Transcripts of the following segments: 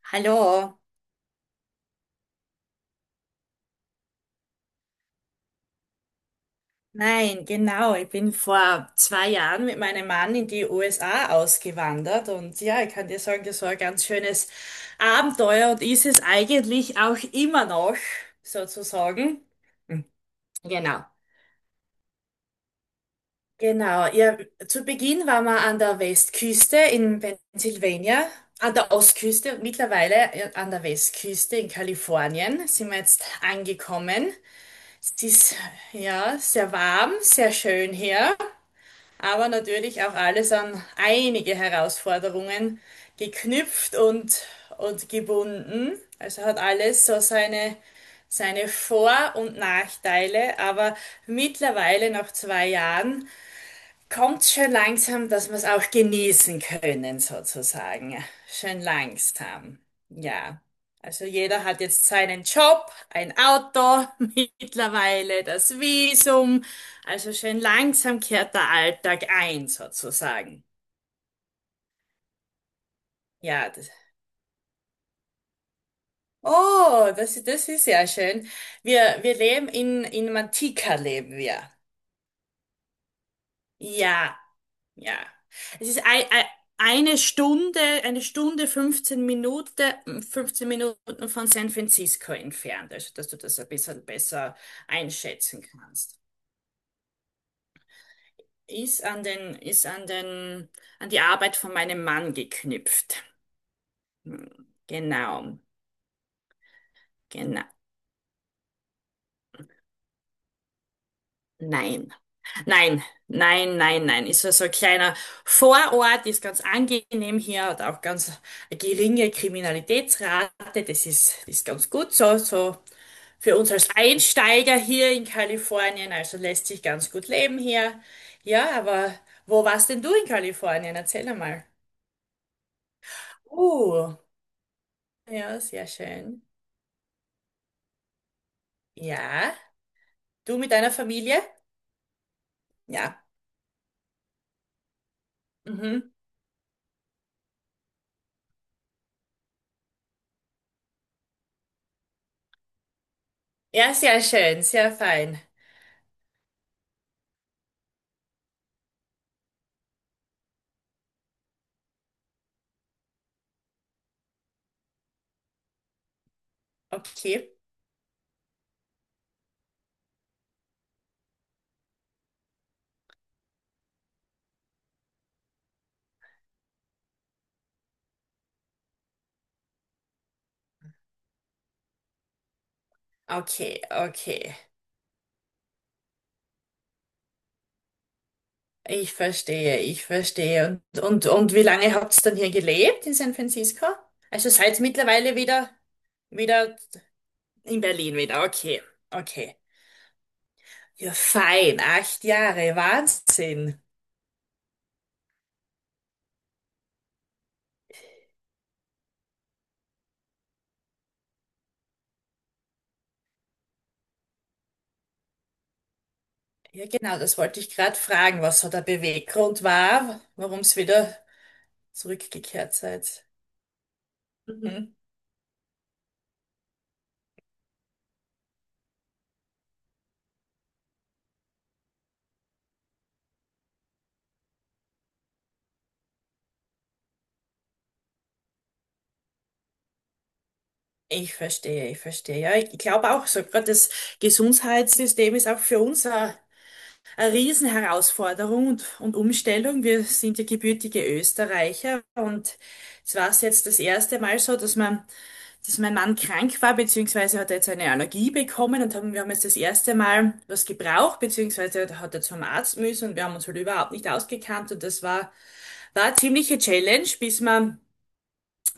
Hallo, nein, genau. Ich bin vor 2 Jahren mit meinem Mann in die USA ausgewandert und ja, ich kann dir sagen, das war ein ganz schönes Abenteuer und ist es eigentlich auch immer noch, sozusagen. Hm. Genau. Genau. Ja, zu Beginn waren wir an der Westküste in Pennsylvania, an der Ostküste und mittlerweile an der Westküste in Kalifornien sind wir jetzt angekommen. Es ist ja sehr warm, sehr schön hier, aber natürlich auch alles an einige Herausforderungen geknüpft und gebunden. Also hat alles so seine Vor- und Nachteile, aber mittlerweile nach 2 Jahren kommt schön langsam, dass wir es auch genießen können, sozusagen. Schön langsam. Ja. Also jeder hat jetzt seinen Job, ein Auto, mittlerweile das Visum. Also schön langsam kehrt der Alltag ein, sozusagen. Ja. Das ist ja schön. Wir leben in Mantika leben wir. Ja, ja. Es ist eine Stunde, fünfzehn Minuten von San Francisco entfernt, also dass du das ein bisschen besser einschätzen kannst. Ist an den, ist an den, An die Arbeit von meinem Mann geknüpft. Genau, genau. Nein. Nein, nein, nein, nein. Ist so ein kleiner Vorort, ist ganz angenehm hier, hat auch ganz eine geringe Kriminalitätsrate. Das ist ganz gut so, so. Für uns als Einsteiger hier in Kalifornien, also lässt sich ganz gut leben hier. Ja, aber wo warst denn du in Kalifornien? Erzähl einmal. Oh, ja, sehr schön. Ja, du mit deiner Familie? Ja. Mhm. Ja, sehr schön, sehr fein. Okay, okay, okay. Ich verstehe, ich verstehe. Und wie lange habt ihr dann hier gelebt in San Francisco? Also seid mittlerweile wieder in Berlin wieder. Okay, okay. Ja, fein, 8 Jahre, Wahnsinn. Ja, genau, das wollte ich gerade fragen, was so der Beweggrund war, warum es wieder zurückgekehrt seid. Mhm. Ich verstehe, ich verstehe. Ja, ich glaube auch so, gerade das Gesundheitssystem ist auch für uns eine Riesenherausforderung und Umstellung. Wir sind ja gebürtige Österreicher und es war jetzt das erste Mal so, dass mein Mann krank war, beziehungsweise hat er jetzt eine Allergie bekommen und wir haben jetzt das erste Mal was gebraucht, beziehungsweise hat er zum Arzt müssen und wir haben uns halt überhaupt nicht ausgekannt und das war eine ziemliche Challenge, bis wir,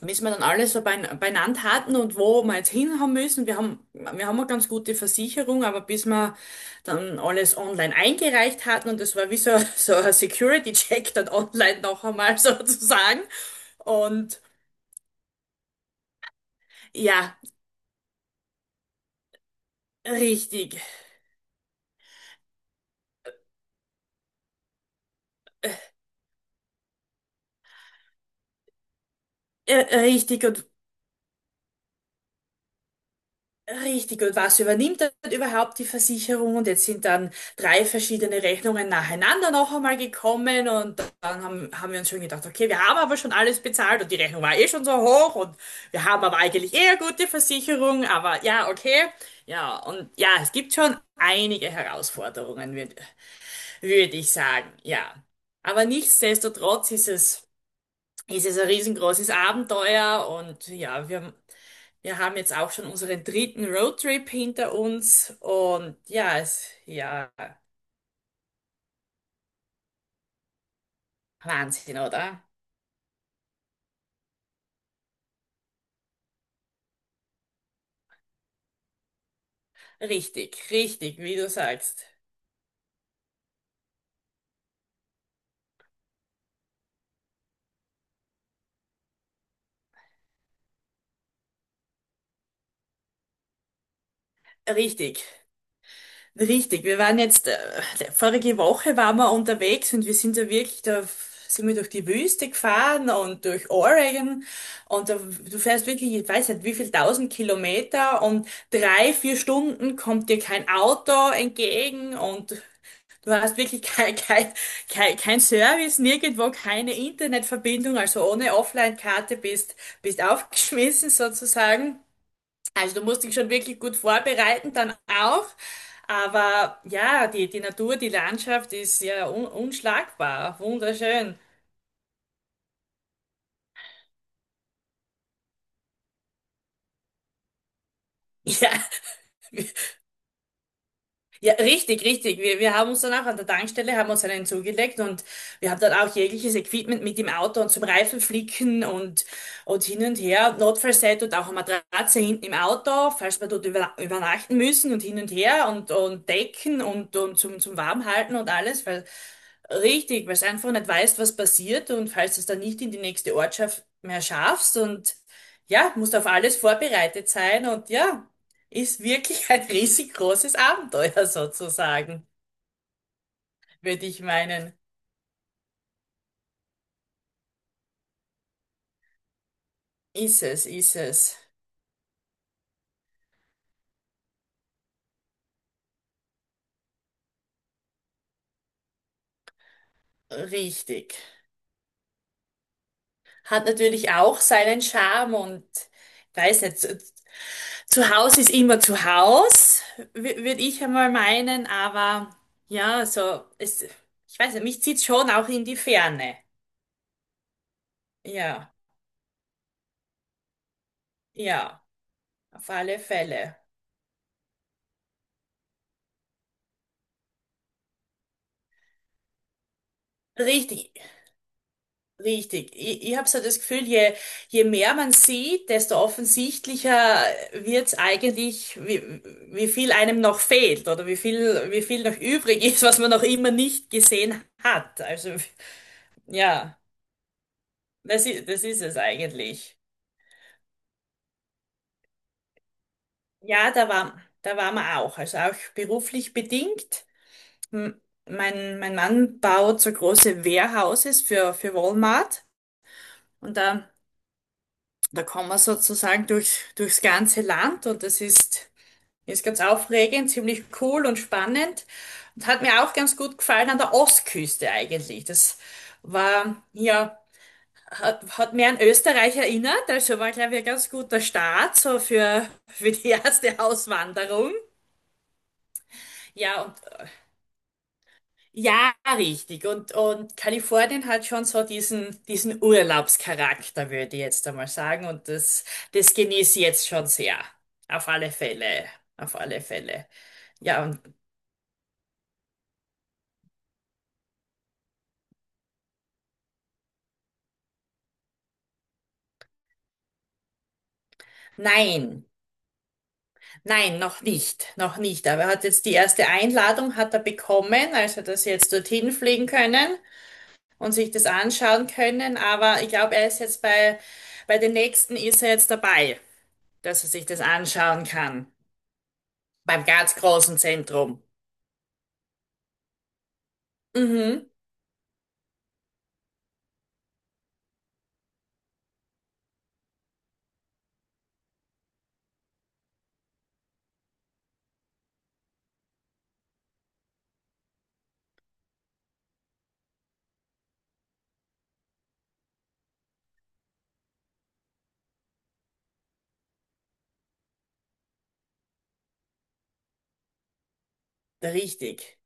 bis wir dann alles so beieinander hatten und wo wir jetzt hin haben müssen. Wir haben eine ganz gute Versicherung, aber bis wir dann alles online eingereicht hatten und das war wie so ein Security-Check dann online noch einmal sozusagen und ja, richtig. Äh, Richtig, und Richtig, und was übernimmt dann überhaupt die Versicherung? Und jetzt sind dann drei verschiedene Rechnungen nacheinander noch einmal gekommen und dann haben wir uns schon gedacht, okay, wir haben aber schon alles bezahlt und die Rechnung war eh schon so hoch und wir haben aber eigentlich eher gute Versicherung, aber ja, okay. Ja, und ja, es gibt schon einige Herausforderungen, würd ich sagen, ja. Aber nichtsdestotrotz ist es ein riesengroßes Abenteuer und ja, wir haben jetzt auch schon unseren dritten Roadtrip hinter uns und ja, ja, Wahnsinn, oder? Richtig, richtig, wie du sagst. Richtig, Richtig, wir waren jetzt, vorige Woche waren wir unterwegs und wir sind ja wirklich da, sind wir durch die Wüste gefahren und durch Oregon und da, du fährst wirklich, ich weiß nicht, wie viel tausend Kilometer und 3, 4 Stunden kommt dir kein Auto entgegen und du hast wirklich kein Service, nirgendwo keine Internetverbindung, also ohne Offline-Karte bist aufgeschmissen sozusagen. Also du musst dich schon wirklich gut vorbereiten dann auch. Aber ja, die Natur, die Landschaft ist ja un unschlagbar, wunderschön. Ja, ja, richtig, richtig. Wir haben uns dann auch an der Tankstelle, haben uns einen zugelegt und wir haben dann auch jegliches Equipment mit im Auto und zum Reifenflicken und hin und her. Notfallset und auch eine Matratze hinten im Auto, falls wir dort übernachten müssen und hin und her und Decken und zum Warmhalten und alles, weil Richtig, weil du einfach nicht weißt, was passiert und falls du es dann nicht in die nächste Ortschaft mehr schaffst und ja, musst auf alles vorbereitet sein und ja, ist wirklich ein riesig großes Abenteuer sozusagen, würde ich meinen. Ist es, ist es. Richtig. Hat natürlich auch seinen Charme und weiß nicht, zu Hause ist immer zu Haus, würde ich einmal meinen, aber ja, so, ich weiß nicht, mich zieht schon auch in die Ferne. Ja, ja, auf alle Fälle. Richtig, richtig. Ich habe so das Gefühl, je mehr man sieht, desto offensichtlicher wird's eigentlich, wie viel einem noch fehlt oder wie viel noch übrig ist, was man noch immer nicht gesehen hat. Also ja, das ist es eigentlich. Ja, da waren wir auch. Also auch beruflich bedingt. M- mein Mann baut so große Warehouses für Walmart. Und da kommen wir sozusagen durchs ganze Land und das ist ganz aufregend, ziemlich cool und spannend und hat mir auch ganz gut gefallen an der Ostküste eigentlich. Das war, ja, hat mir an Österreich erinnert, also war, glaube ich, ein ganz guter Start so für die erste Auswanderung. Ja, und Ja, richtig. Und Kalifornien hat schon so diesen Urlaubscharakter, würde ich jetzt einmal sagen. Und das genieße ich jetzt schon sehr. Auf alle Fälle. Auf alle Fälle. Ja, und nein, nein, noch nicht. Noch nicht. Aber er hat jetzt die erste Einladung hat er bekommen, also dass sie jetzt dorthin fliegen können und sich das anschauen können. Aber ich glaube, er ist jetzt bei den nächsten ist er jetzt dabei, dass er sich das anschauen kann. Beim ganz großen Zentrum. Mhm, richtig.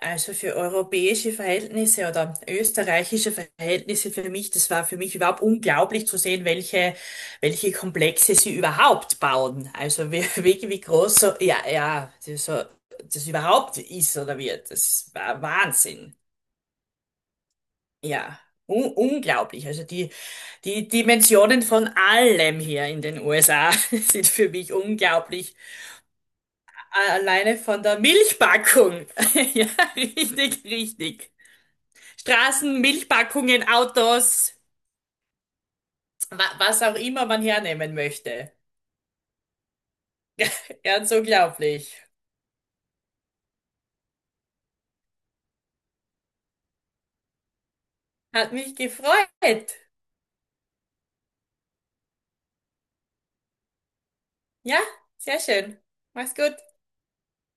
Also für europäische Verhältnisse oder österreichische Verhältnisse für mich, das war für mich überhaupt unglaublich zu sehen, welche Komplexe sie überhaupt bauen. Also wie groß so, ja, ja, das überhaupt ist oder wird. Das war Wahnsinn. Ja, un unglaublich. Also die Dimensionen von allem hier in den USA sind für mich unglaublich. Alleine von der Milchpackung. Ja, richtig, richtig. Straßen, Milchpackungen, Autos, wa was auch immer man hernehmen möchte. Ganz unglaublich. Hat mich gefreut. Ja, sehr schön. Mach's gut.